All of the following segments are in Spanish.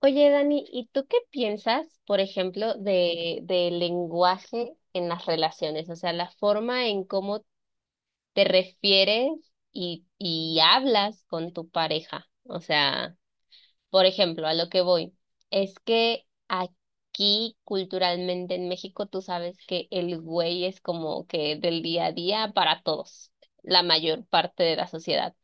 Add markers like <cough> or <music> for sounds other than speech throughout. Oye, Dani, ¿y tú qué piensas, por ejemplo, del lenguaje en las relaciones? O sea, la forma en cómo te refieres y hablas con tu pareja. O sea, por ejemplo, a lo que voy, es que aquí culturalmente en México tú sabes que el güey es como que del día a día para todos, la mayor parte de la sociedad.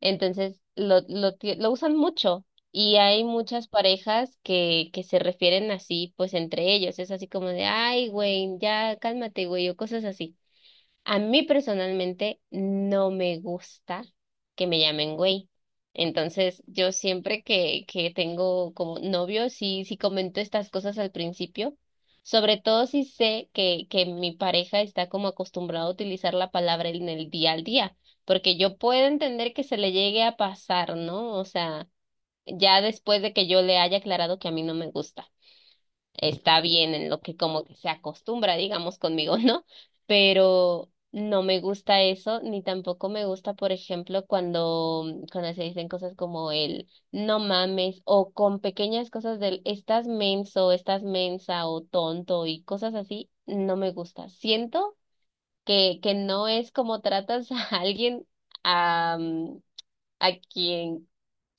Entonces lo usan mucho y hay muchas parejas que se refieren así, pues entre ellos. Es así como de, ay, güey, ya cálmate, güey, o cosas así. A mí personalmente no me gusta que me llamen güey. Entonces, yo siempre que tengo como novio, sí, sí comento estas cosas al principio, sobre todo si sé que mi pareja está como acostumbrado a utilizar la palabra en el día al día, porque yo puedo entender que se le llegue a pasar, ¿no? O sea, ya después de que yo le haya aclarado que a mí no me gusta está bien en lo que como que se acostumbra, digamos, conmigo, <laughs> ¿no? Pero no me gusta eso, ni tampoco me gusta, por ejemplo, cuando se dicen cosas como el no mames, o con pequeñas cosas del estás menso, estás mensa, o tonto, y cosas así, no me gusta. Siento que no es como tratas <laughs> a alguien a, a quien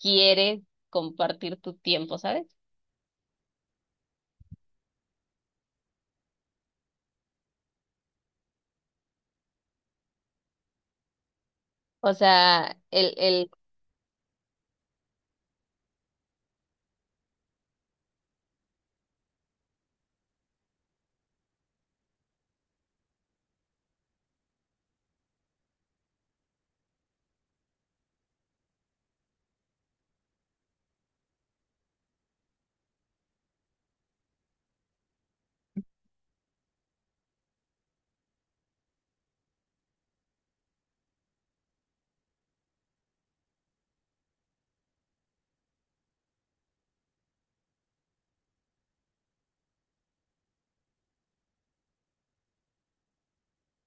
quieres compartir tu tiempo, ¿sabes? O sea, el.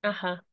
Ajá.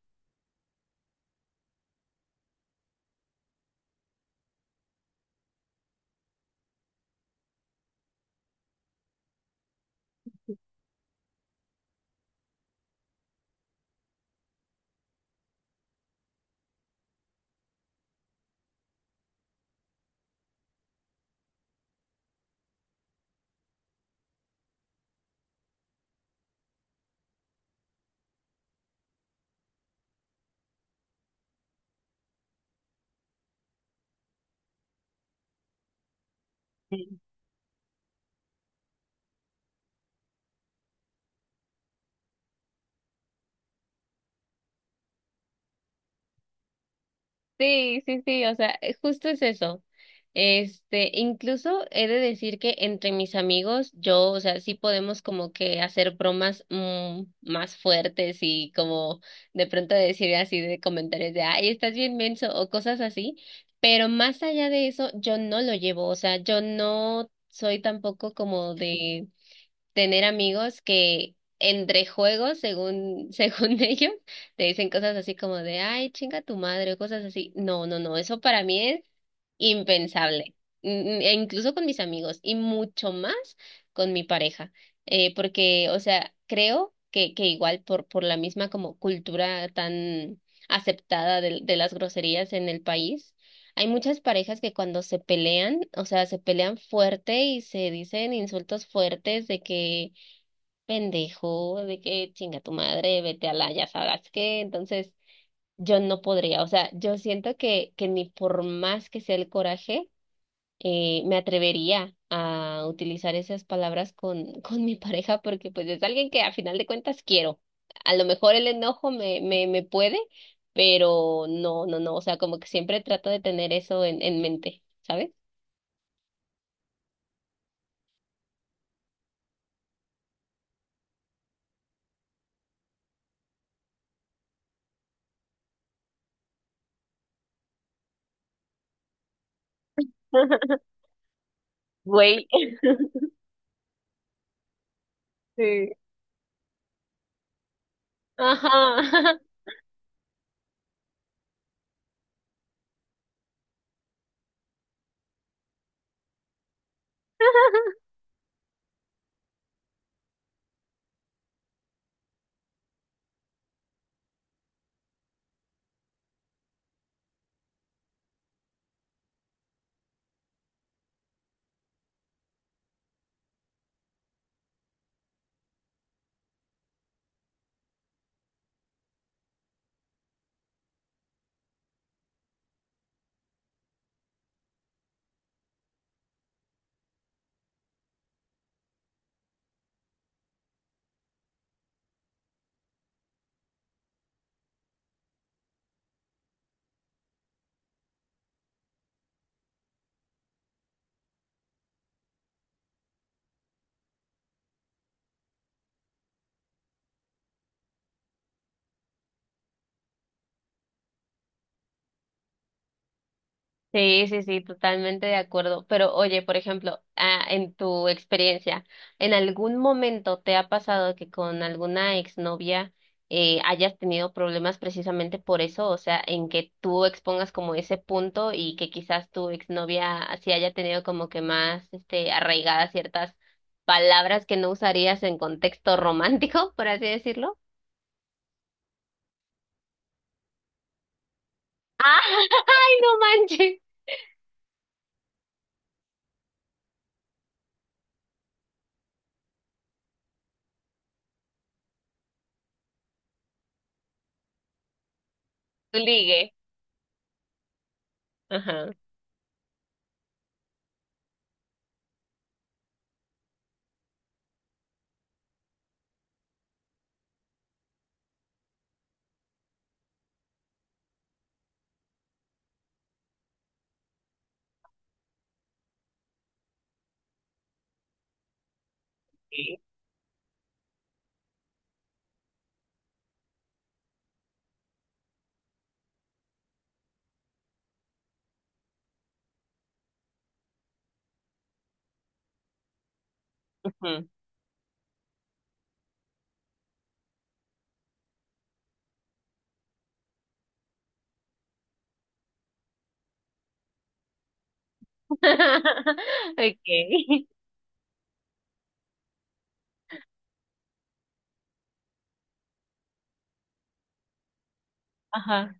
Sí, sí, sí, o sea, justo es eso. Este, incluso he de decir que entre mis amigos, yo, o sea, sí podemos como que hacer bromas más fuertes y como de pronto decir así de comentarios de, ay, estás bien menso o cosas así, pero más allá de eso, yo no lo llevo, o sea, yo no soy tampoco como de tener amigos que entre juegos, según, <laughs> según ellos, te dicen cosas así como de, ay, chinga tu madre, o cosas así. No, no, no, eso para mí es impensable. Mm, e incluso con mis amigos y mucho más con mi pareja, porque, o sea, creo que igual por la misma como cultura tan aceptada de las groserías en el país. Hay muchas parejas que cuando se pelean, o sea, se pelean fuerte y se dicen insultos fuertes de que pendejo de que chinga tu madre, vete a la, ya sabrás qué. Entonces, yo no podría, o sea, yo siento que ni por más que sea el coraje, me atrevería a utilizar esas palabras con mi pareja porque pues es alguien que a final de cuentas quiero. A lo mejor el enojo me puede, pero no, no, no, o sea, como que siempre trato de tener eso en mente, ¿sabes? <laughs> Güey. Sí. Ajá, <laughs> Sí, sí, sí, totalmente de acuerdo. Pero oye, por ejemplo, en tu experiencia, ¿en algún momento te ha pasado que con alguna exnovia hayas tenido problemas precisamente por eso? O sea, en que tú expongas como ese punto y que quizás tu exnovia así haya tenido como que más este, arraigadas ciertas palabras que no usarías en contexto <laughs> romántico, por así decirlo. ¡Ay, no manches! Tu ligue. Ajá. Sí. Ujú. <laughs> Okay. <laughs> Ajá.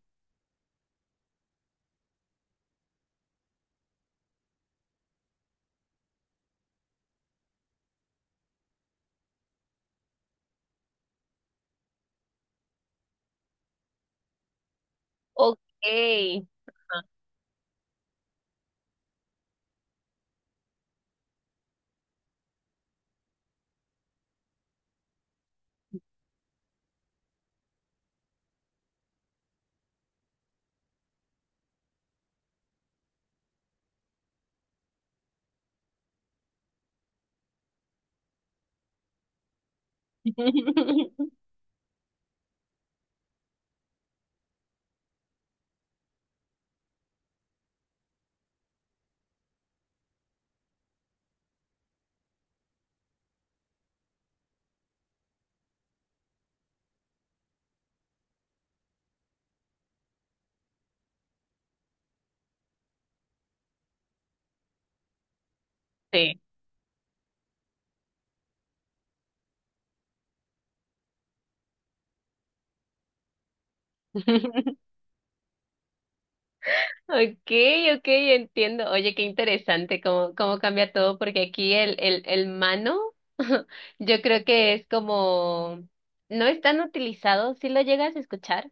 Ok. Ajá. <laughs> Sí. <laughs> Okay, okay, entiendo. Oye, qué interesante cómo, cómo cambia todo, porque aquí el mano, <laughs> yo creo que es como, no es tan utilizado, si lo llegas a escuchar.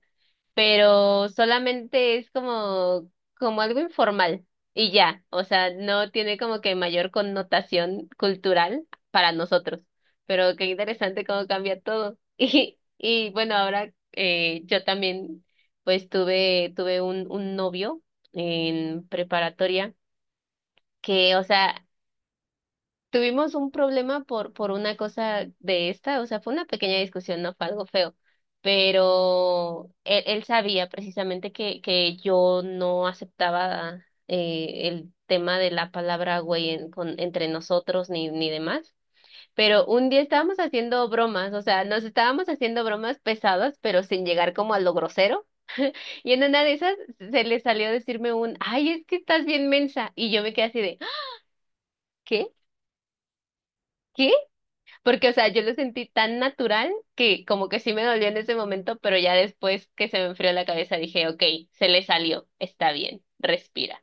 Pero solamente es como, como algo informal y ya, o sea, no tiene como que mayor connotación cultural para nosotros, pero qué interesante cómo cambia todo. <laughs> Y, y bueno, ahora yo también pues tuve un novio en preparatoria que, o sea, tuvimos un problema por una cosa de esta, o sea, fue una pequeña discusión, no fue algo feo, pero él sabía precisamente que yo no aceptaba el tema de la palabra güey en- con, entre nosotros ni demás, pero un día estábamos haciendo bromas, o sea, nos estábamos haciendo bromas pesadas, pero sin llegar como a lo grosero, y en una de esas se le salió decirme un, ay, es que estás bien mensa, y yo me quedé así de, ¿qué? ¿Qué? Porque, o sea, yo lo sentí tan natural que como que sí me dolió en ese momento, pero ya después que se me enfrió la cabeza dije, ok, se le salió, está bien, respira.